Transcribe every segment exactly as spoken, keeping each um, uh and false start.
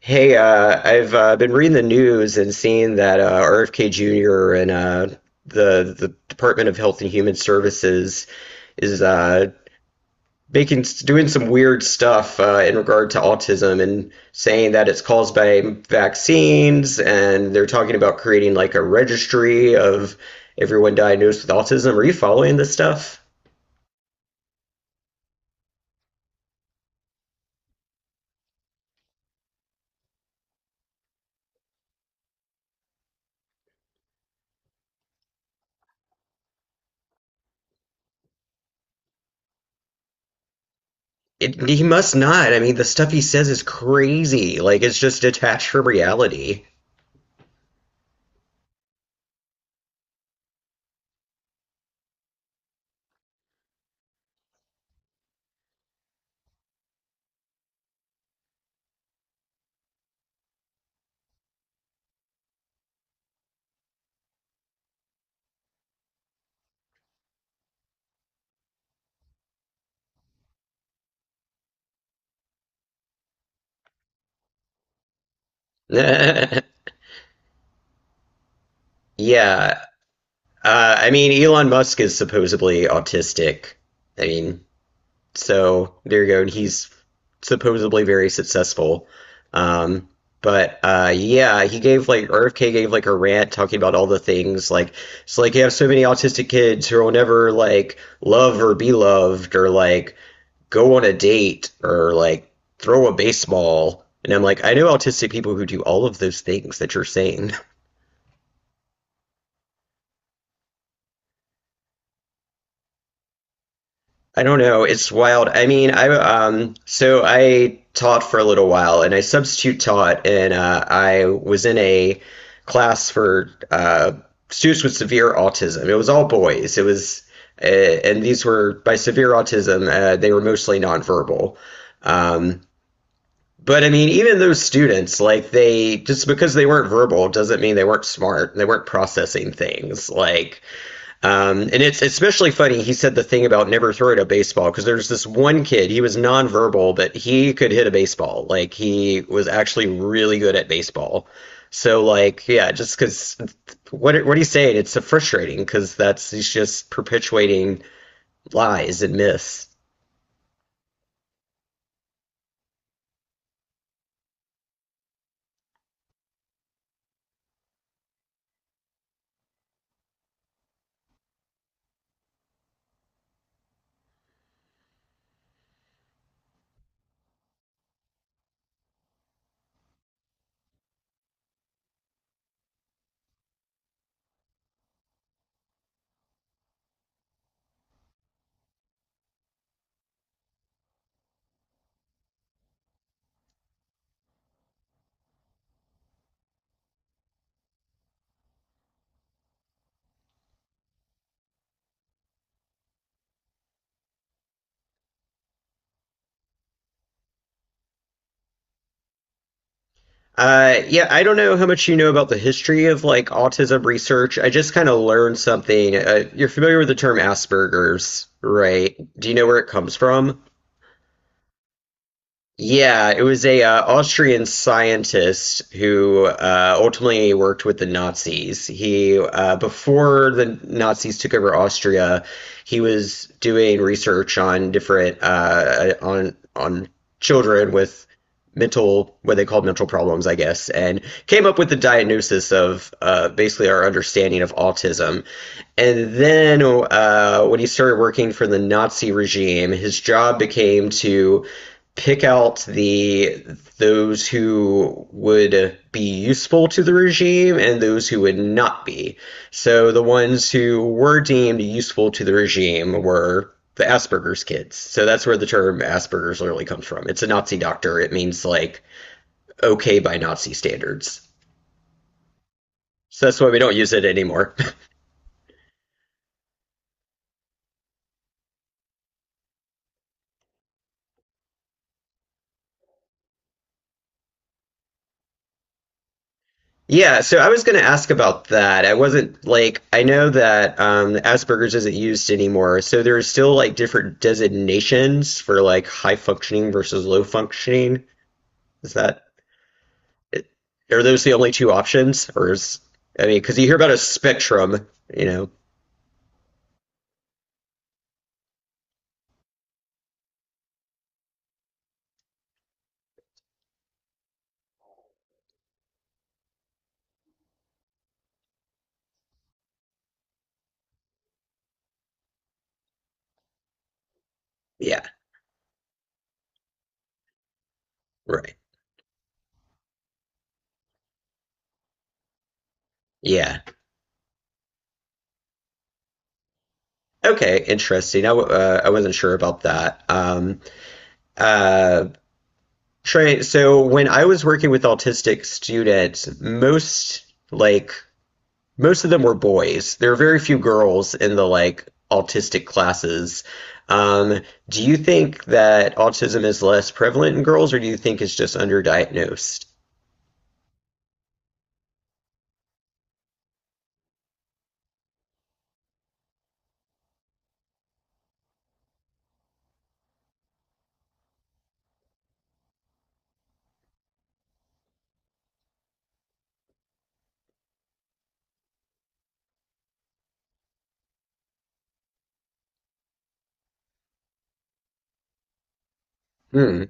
Hey, uh, I've uh, been reading the news and seeing that uh, R F K Junior and uh, the the Department of Health and Human Services is uh, making doing some weird stuff uh, in regard to autism and saying that it's caused by vaccines, and they're talking about creating like a registry of everyone diagnosed with autism. Are you following this stuff? It, he must not. I mean, the stuff he says is crazy. Like it's just detached from reality. Yeah. Uh, I mean, Elon Musk is supposedly autistic. I mean, so there you go. And he's supposedly very successful. Um, but uh, Yeah, he gave like R F K gave like a rant talking about all the things like it's like you have so many autistic kids who will never like love or be loved or like go on a date or like throw a baseball. And I'm like, I know autistic people who do all of those things that you're saying. I don't know. It's wild. I mean, I um so I taught for a little while and I substitute taught and uh, I was in a class for uh, students with severe autism. It was all boys. It was uh, and These were by severe autism, uh, they were mostly nonverbal. Um, but I mean, even those students, like they just because they weren't verbal doesn't mean they weren't smart. They weren't processing things. Like um, and it's especially funny. He said the thing about never throwing a baseball because there's this one kid. He was nonverbal, but he could hit a baseball. Like he was actually really good at baseball. So like, yeah, just because what what he's saying, it's so frustrating because that's he's just perpetuating lies and myths. Uh, yeah, I don't know how much you know about the history of like autism research. I just kind of learned something. Uh, you're familiar with the term Asperger's, right? Do you know where it comes from? Yeah, it was a uh, Austrian scientist who uh, ultimately worked with the Nazis. He uh, Before the Nazis took over Austria, he was doing research on different uh, uh, on on children with mental what they called mental problems, I guess, and came up with the diagnosis of uh, basically our understanding of autism. And then uh, when he started working for the Nazi regime, his job became to pick out the those who would be useful to the regime and those who would not be. So the ones who were deemed useful to the regime were the Asperger's kids. So that's where the term Asperger's literally comes from. It's a Nazi doctor. It means like okay by Nazi standards. So that's why we don't use it anymore. Yeah, so I was going to ask about that. I wasn't like I know that um, Asperger's isn't used anymore, so there's still like different designations for like high functioning versus low functioning. Is that are those the only two options, or is I mean, because you hear about a spectrum, you know? Yeah, right. Yeah. Okay, interesting. I w- uh, I wasn't sure about that. Um, uh, Trey, so when I was working with autistic students, most like most of them were boys. There are very few girls in the like autistic classes. Um, do you think that autism is less prevalent in girls, or do you think it's just underdiagnosed? Hmm,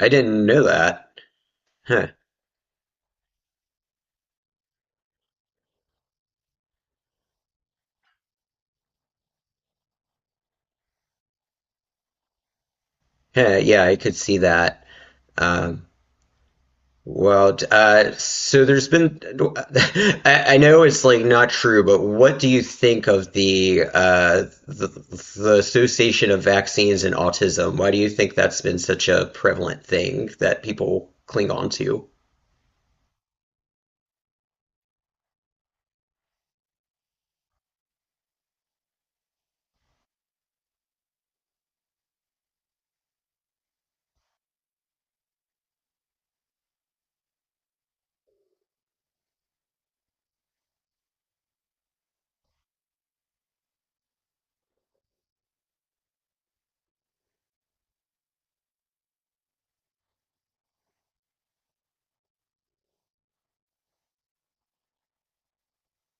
I didn't know that. Huh. Huh, yeah, I could see that. Um, Well, uh, so there's been, I, I know it's like not true, but what do you think of the, uh, the the association of vaccines and autism? Why do you think that's been such a prevalent thing that people cling on to?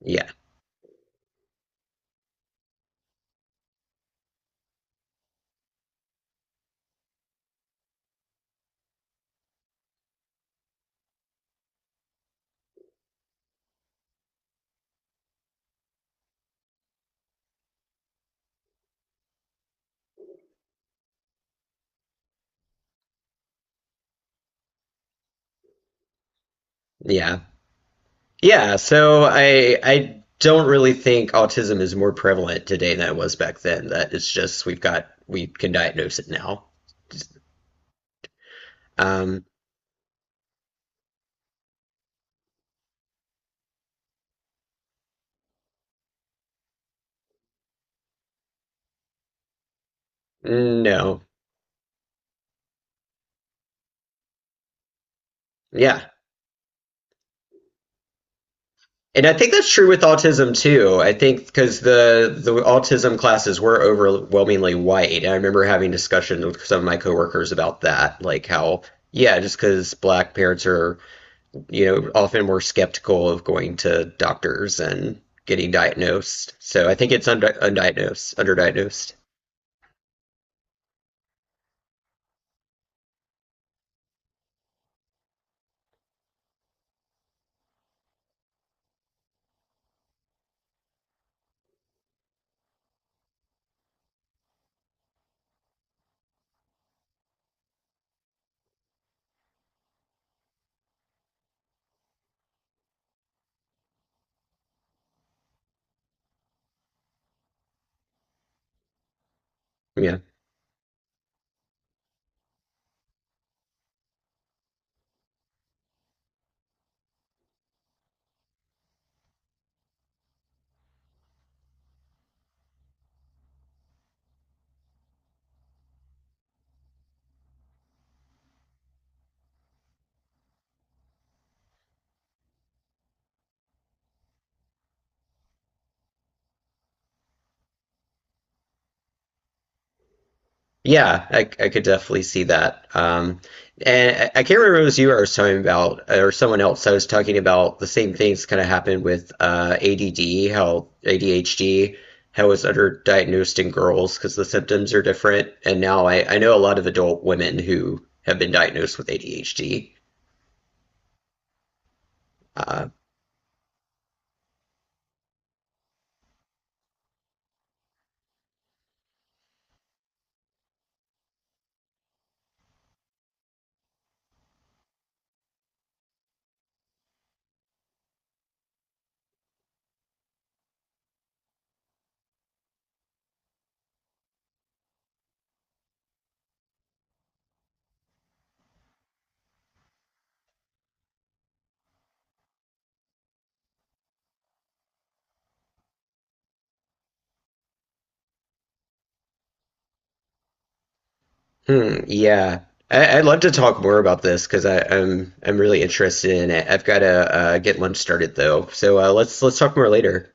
Yeah, yeah, yeah. So I I don't really think autism is more prevalent today than it was back then. That it's just we've got we can diagnose it now. Um, no, yeah. And I think that's true with autism too. I think because the the autism classes were overwhelmingly white. And I remember having discussions with some of my coworkers about that, like how yeah, just because black parents are you know often more skeptical of going to doctors and getting diagnosed. So I think it's under undiagnosed, underdiagnosed. Yeah. Yeah, I, I could definitely see that. Um, and I, I can't remember if it was you I was talking about, or someone else. I was talking about the same things kind of happened with uh, A D D, how A D H D, how it was underdiagnosed in girls because the symptoms are different. And now I, I know a lot of adult women who have been diagnosed with A D H D. Uh, hmm, yeah. I, I'd love to talk more about this because I'm I'm really interested in it. I've got to uh, get lunch started though, so uh, let's let's talk more later.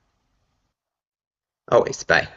Always, bye.